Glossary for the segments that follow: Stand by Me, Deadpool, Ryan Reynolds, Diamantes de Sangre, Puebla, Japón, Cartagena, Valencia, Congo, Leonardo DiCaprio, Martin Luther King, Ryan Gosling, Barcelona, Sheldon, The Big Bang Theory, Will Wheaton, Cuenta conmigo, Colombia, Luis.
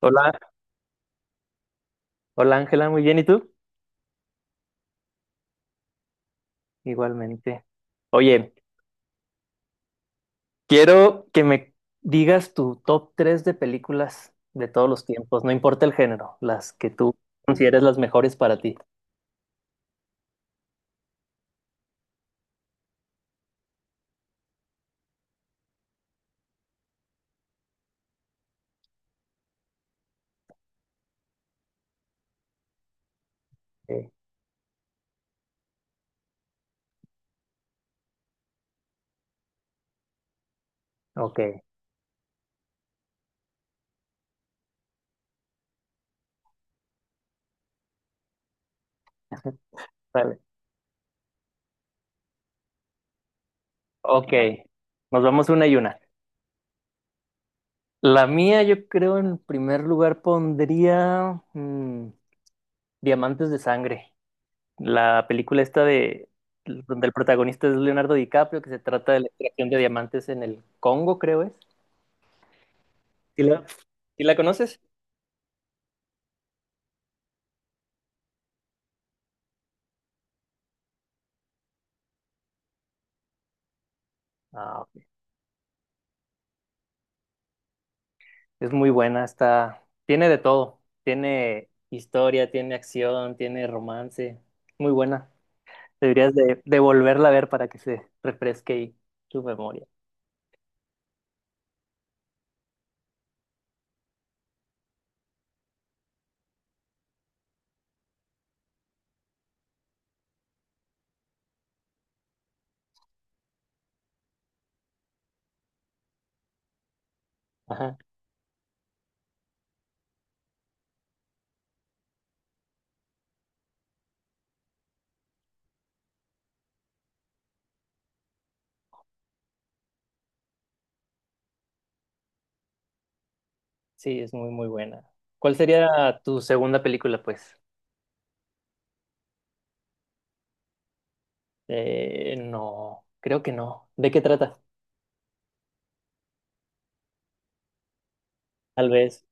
Hola, hola Ángela, muy bien, ¿y tú? Igualmente. Oye, quiero que me digas tu top 3 de películas de todos los tiempos, no importa el género, las que tú consideres las mejores para ti. Eh, Ok, vale. Ok, nos vamos una y una. La mía, yo creo, en primer lugar pondría Diamantes de Sangre, la película esta de donde el protagonista es Leonardo DiCaprio, que se trata de la extracción de diamantes en el Congo, creo es. ¿Sí la, sí la conoces? Ah, ok. Es muy buena, está, tiene de todo, tiene historia, tiene acción, tiene romance, muy buena. Deberías de volverla a ver para que se refresque ahí tu memoria. Ajá. Sí, es muy, muy buena. ¿Cuál sería tu segunda película, pues? No, creo que no. ¿De qué trata? Tal vez.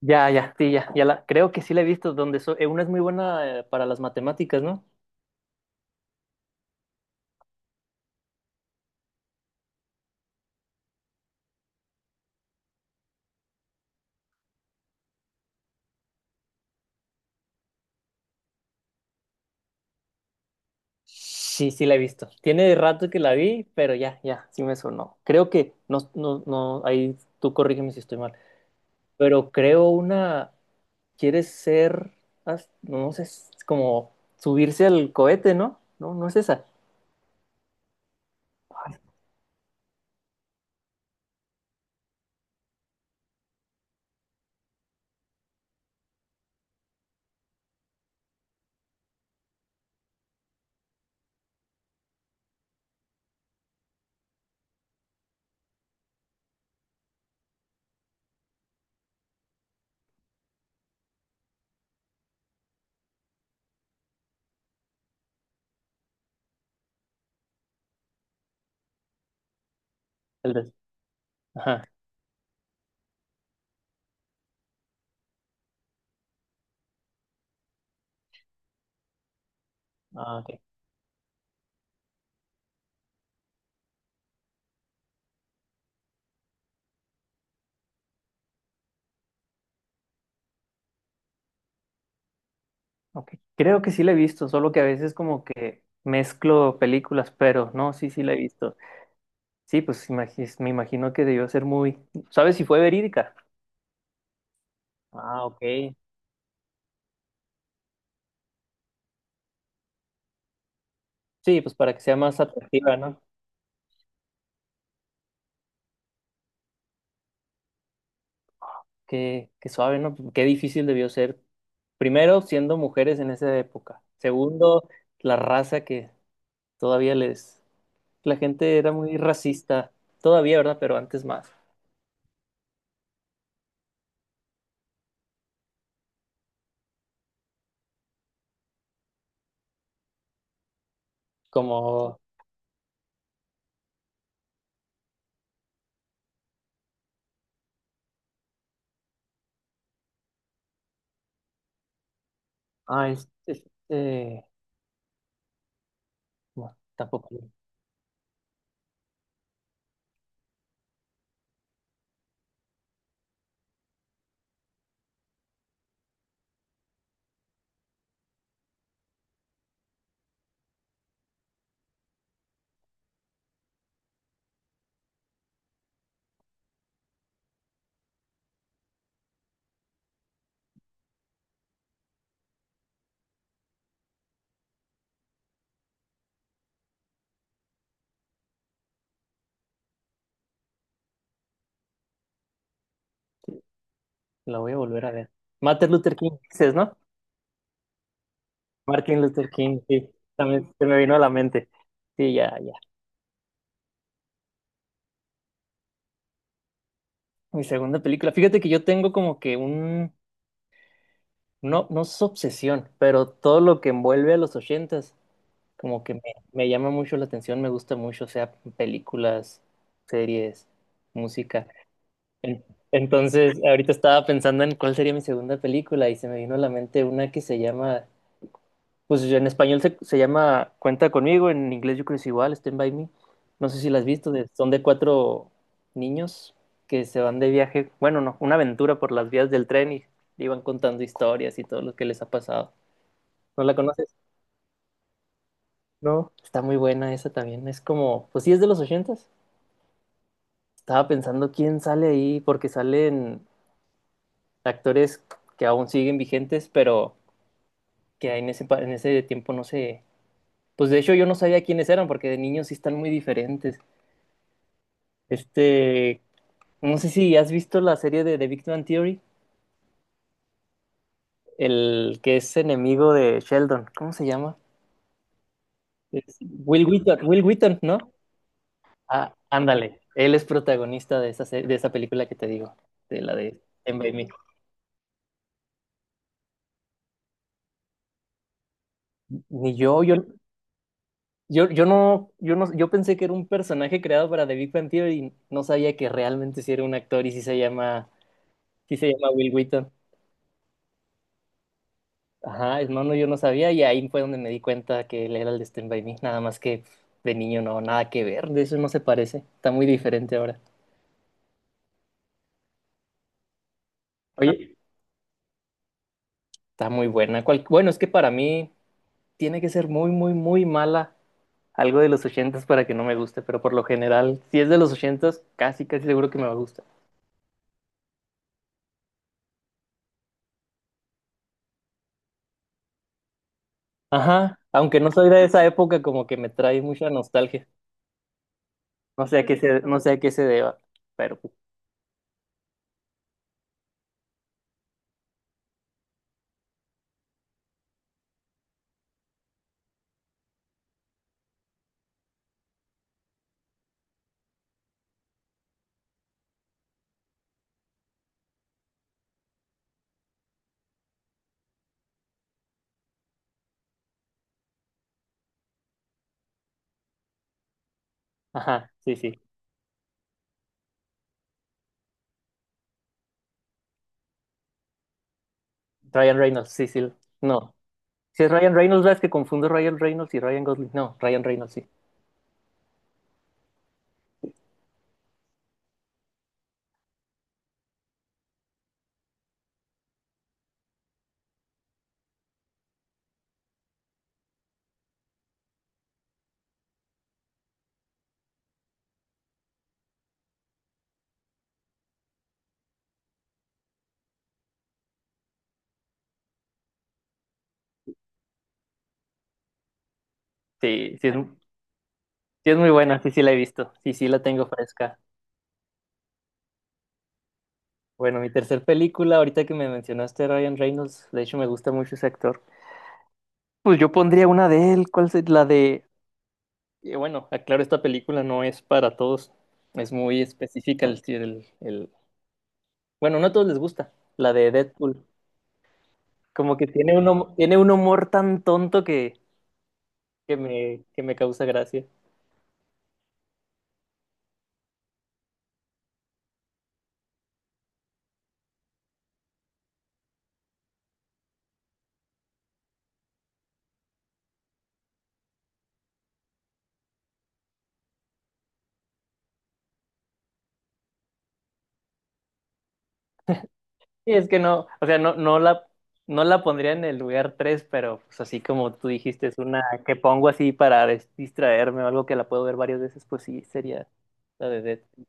Creo que sí la he visto, donde una es muy buena para las matemáticas, ¿no? Sí, sí la he visto. Tiene rato que la vi, pero ya, ya, sí me sonó. Creo que, no, no, no, ahí tú corrígeme si estoy mal, pero creo una, quiere ser, no sé, es como subirse al cohete, ¿no? No, no es esa. Ay, tal vez. Ajá. Ah, ok. Ok. Creo que sí la he visto, solo que a veces como que mezclo películas, pero no, sí, sí la he visto. Sí, pues me imagino que debió ser muy, ¿sabes si fue verídica? Ah, ok. Sí, pues para que sea más atractiva, ¿no? Qué, qué suave, ¿no? Qué difícil debió ser. Primero, siendo mujeres en esa época. Segundo, la raza que todavía les... La gente era muy racista. Todavía, ¿verdad? Pero antes más. Como... Ah, es- es- eh, Bueno, tampoco la voy a volver a ver. Martin Luther King, dices, ¿no? Martin Luther King, sí. También se me vino a la mente. Sí, ya, ya. Mi segunda película. Fíjate que yo tengo como que un no, no es obsesión, pero todo lo que envuelve a los ochentas, como que me llama mucho la atención, me gusta mucho, o sea películas, series, música. En- Entonces, ahorita estaba pensando en cuál sería mi segunda película y se me vino a la mente una que se llama, pues en español se llama Cuenta conmigo, en inglés yo creo que es igual, Stand by Me. No sé si la has visto, son de cuatro niños que se van de viaje, bueno, no, una aventura por las vías del tren y iban contando historias y todo lo que les ha pasado. ¿No la conoces? No, está muy buena esa también. Es como, pues sí, es de los ochentas. Estaba pensando quién sale ahí, porque salen actores que aún siguen vigentes, pero que en en ese tiempo no sé. Pues de hecho yo no sabía quiénes eran, porque de niños sí están muy diferentes. Este, no sé si has visto la serie de The Big Bang Theory, el que es enemigo de Sheldon. ¿Cómo se llama? Es Will Wheaton, ¿no? Ah, ándale, él es protagonista de esa, de esa película que te digo, de la de Stand By Me. Ni yo, yo, yo, yo no, yo no, yo pensé que era un personaje creado para The Big Bang Theory y no sabía que realmente sí era un actor y sí se llama Will Wheaton. Ajá, no, no, yo no sabía y ahí fue donde me di cuenta que él era el de Stand By Me, nada más que de niño no, nada que ver, de eso no se parece, está muy diferente ahora. Oye, está muy buena. Bueno, es que para mí tiene que ser muy, muy, muy mala algo de los ochentas para que no me guste, pero por lo general, si es de los ochentas, casi, casi seguro que me va a gustar. Ajá, aunque no soy de esa época, como que me trae mucha nostalgia. No sé a qué se, no sé a qué se deba, pero pues, ajá, sí, sí. Ryan Reynolds, sí, sí. No. Si es Ryan Reynolds, ves que confundo Ryan Reynolds y Ryan Gosling. No, Ryan Reynolds, sí. Sí, sí es muy buena, sí, sí la he visto. Sí, sí la tengo fresca. Bueno, mi tercer película, ahorita que me mencionaste a Ryan Reynolds, de hecho me gusta mucho ese actor. Pues yo pondría una de él, ¿cuál es la de y bueno, aclaro, esta película no es para todos. Es muy específica el, si, el- bueno, no a todos les gusta, la de Deadpool. Como que tiene un, tiene un humor tan tonto que me causa gracia. Y es que no, o sea, no la pondría en el lugar 3 pero pues así como tú dijiste, es una que pongo así para distraerme o algo que la puedo ver varias veces, pues sí, sería la de Deadpool.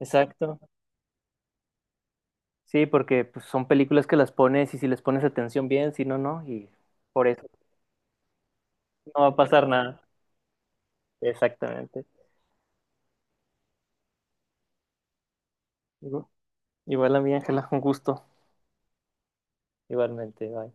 Exacto. Sí, porque pues, son películas que las pones y si les pones atención bien, si no, no. Y por eso no va a pasar nada. Exactamente. Igu- Igual a mi Ángela, un gusto. Igualmente, bye.